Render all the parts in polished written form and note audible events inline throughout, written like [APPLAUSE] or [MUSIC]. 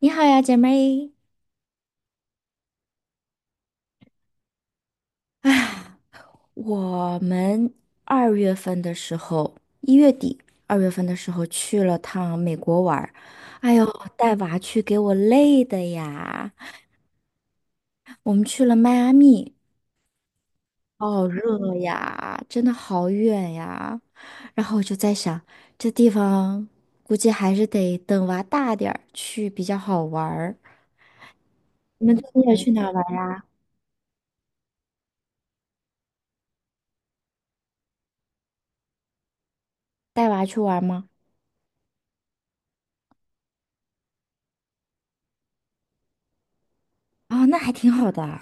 你好呀，姐妹。我们二月份的时候，一月底、二月份的时候去了趟美国玩儿，哎呦，带娃去给我累的呀！我们去了迈阿密，好热呀，真的好远呀。然后我就在想，这地方估计还是得等娃大点儿去比较好玩儿。你们最近有去哪儿玩儿呀带娃去玩儿吗？哦，那还挺好的。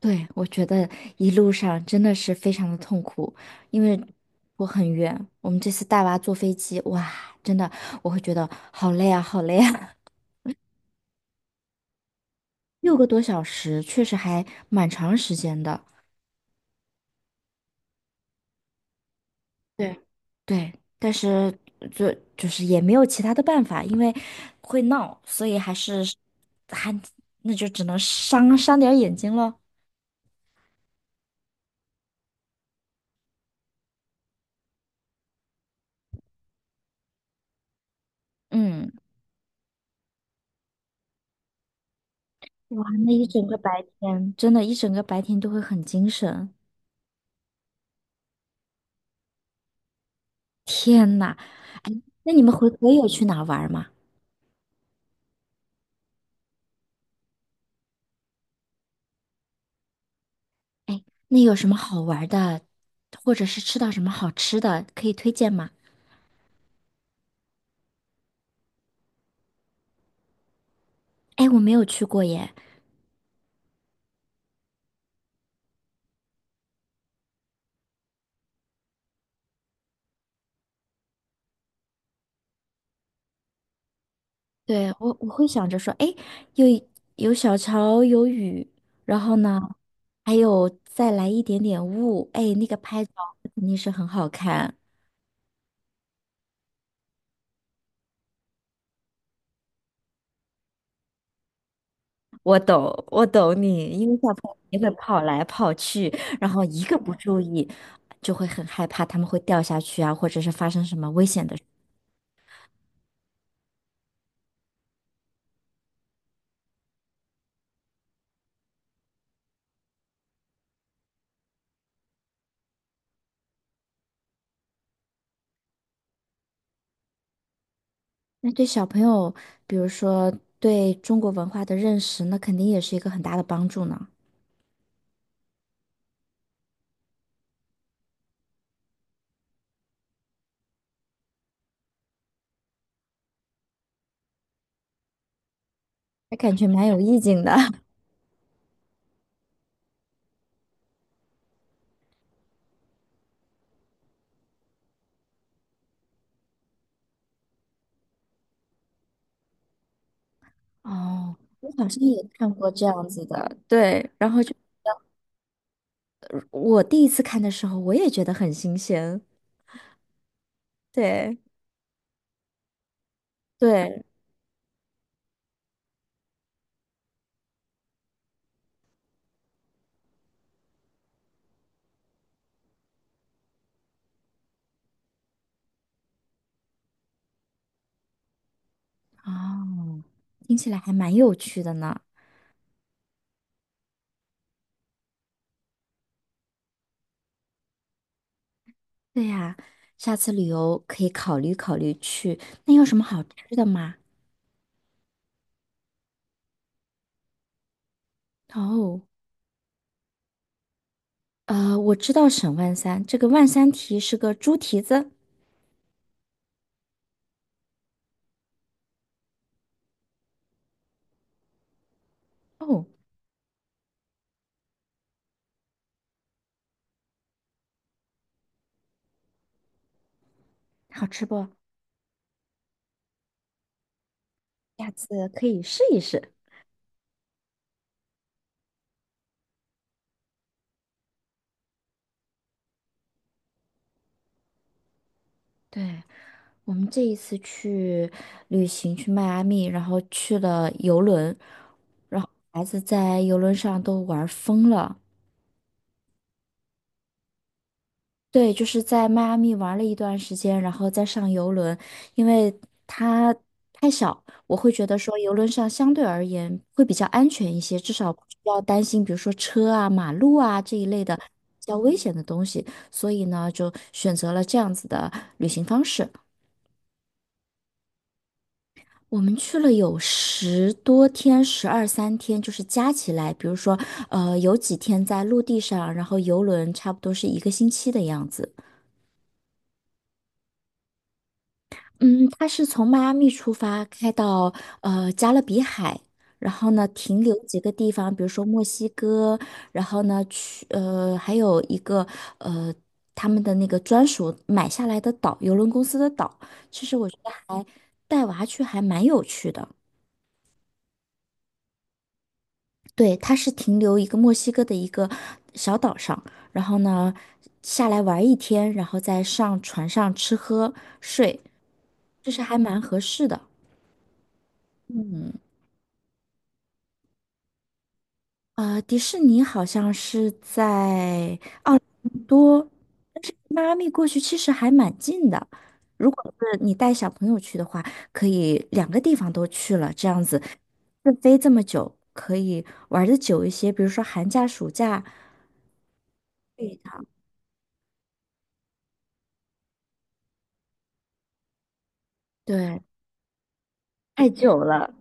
对，我觉得一路上真的是非常的痛苦，因为我很远，我们这次带娃坐飞机，哇，真的我会觉得好累啊，好累啊，[LAUGHS] 六个多小时确实还蛮长时间的。对，对，但是就就是也没有其他的办法，因为会闹，所以还是还那就只能伤伤点儿眼睛了。嗯，哇，那一整个白天，真的，一整个白天都会很精神。天呐，那你们回国有去哪儿玩儿吗？那有什么好玩儿的，或者是吃到什么好吃的，可以推荐吗？哎，我没有去过耶。对，我会想着说，哎，有有小桥，有雨，然后呢，还有再来一点点雾，哎，那个拍照肯定是很好看。我懂，我懂你，因为小朋友也会跑来跑去，然后一个不注意就会很害怕，他们会掉下去啊，或者是发生什么危险的。那对小朋友，比如说对中国文化的认识，那肯定也是一个很大的帮助呢。还感觉蛮有意境的。[LAUGHS] 哦，我好像也看过这样子的，对。然后就我第一次看的时候，我也觉得很新鲜。对对，哦，听起来还蛮有趣的呢。对呀，下次旅游可以考虑考虑去。那有什么好吃的吗？哦，我知道沈万三，这个万三蹄是个猪蹄子。哦。好吃不？下次可以试一试。对，我们这一次去旅行去迈阿密，然后去了游轮，然后孩子在游轮上都玩疯了。对，就是在迈阿密玩了一段时间，然后再上游轮，因为它太小，我会觉得说游轮上相对而言会比较安全一些，至少不需要担心，比如说车啊、马路啊这一类的比较危险的东西，所以呢，就选择了这样子的旅行方式。我们去了有十多天，十二三天，就是加起来，比如说，有几天在陆地上，然后游轮差不多是一个星期的样子。嗯，它是从迈阿密出发，开到加勒比海，然后呢停留几个地方，比如说墨西哥，然后呢去还有一个呃他们的那个专属买下来的岛，邮轮公司的岛。其实我觉得带娃去还蛮有趣的。对，它是停留一个墨西哥的一个小岛上，然后呢下来玩一天，然后再上船上吃喝睡，这是还蛮合适的。嗯。迪士尼好像是在多，但是迈阿密过去其实还蛮近的。如果是你带小朋友去的话，可以两个地方都去了，这样子自飞这么久，可以玩的久一些。比如说寒假、暑假，对的，对太久了。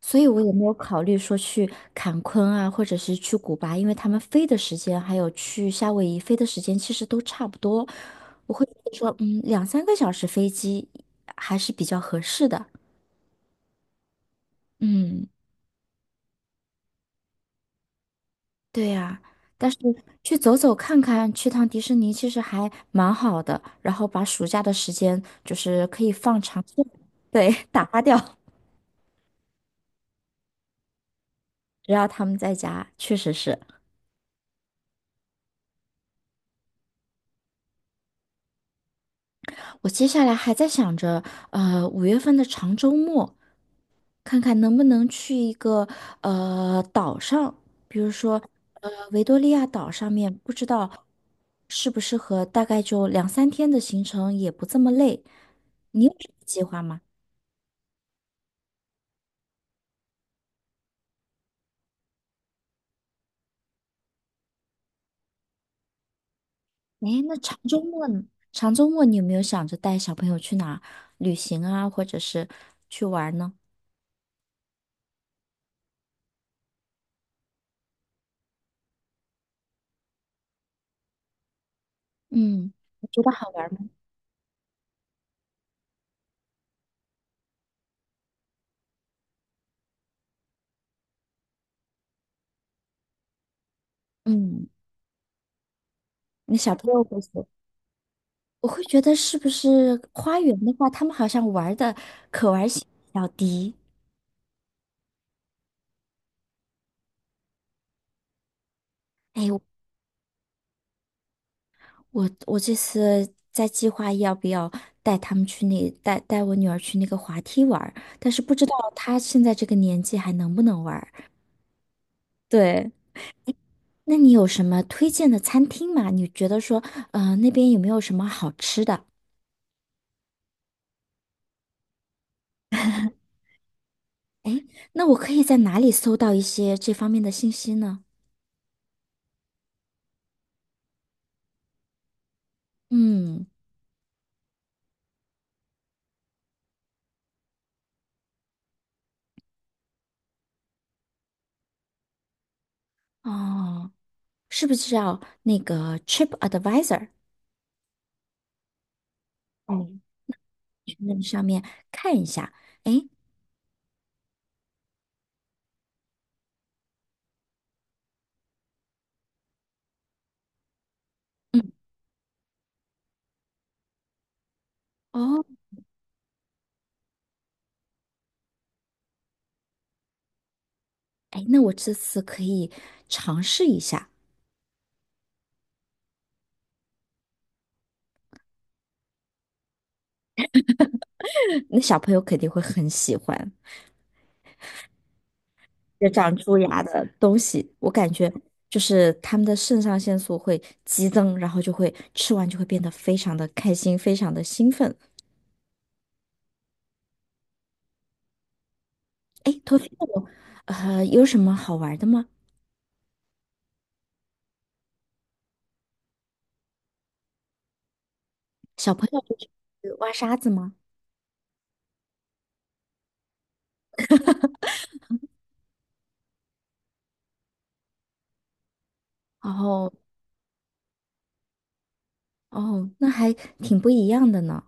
所以我也没有考虑说去坎昆啊，或者是去古巴，因为他们飞的时间还有去夏威夷飞的时间其实都差不多。我会觉得说，嗯，两三个小时飞机还是比较合适的。嗯，对呀，但是去走走看看，去趟迪士尼其实还蛮好的，然后把暑假的时间就是可以放长线 [LAUGHS] 对，打发掉。只要他们在家，确实是。我接下来还在想着，五月份的长周末。看看能不能去一个岛上，比如说维多利亚岛上面，不知道适不适合，大概就两三天的行程也不这么累。你有什么计划吗？诶，那长周末呢？长周末你有没有想着带小朋友去哪儿旅行啊，或者是去玩儿呢？嗯，你觉得好玩儿吗？嗯，那小朋友会说，我会觉得是不是花园的话，他们好像玩儿的可玩性比较低。我这次在计划要不要带他们去那带我女儿去那个滑梯玩儿但是不知道她现在这个年纪还能不能玩儿对，那你有什么推荐的餐厅吗？你觉得说，那边有没有什么好吃的？哎，那我可以在哪里搜到一些这方面的信息呢？嗯，哦，是不是要那个 TripAdvisor？嗯，嗯去那个上面看一下。哎，嗯。哦，哎，那我这次可以尝试一下，[LAUGHS] 那小朋友肯定会很喜欢 [LAUGHS] 这长蛀牙的东西。我感觉就是他们的肾上腺素会激增，然后就会吃完就会变得非常的开心，非常的兴奋。哎，头先我有什么好玩的吗？小朋友就是挖沙子吗？然后哦，那还挺不一样的呢。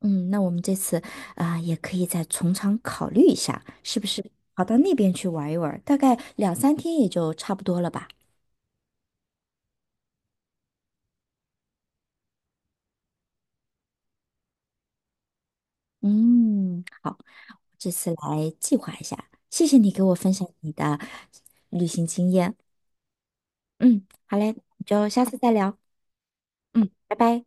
嗯，那我们这次啊、也可以再从长考虑一下，是不是跑到那边去玩一玩？大概两三天也就差不多了吧。嗯，这次来计划一下，谢谢你给我分享你的旅行经验。嗯，好嘞，就下次再聊。嗯，拜拜。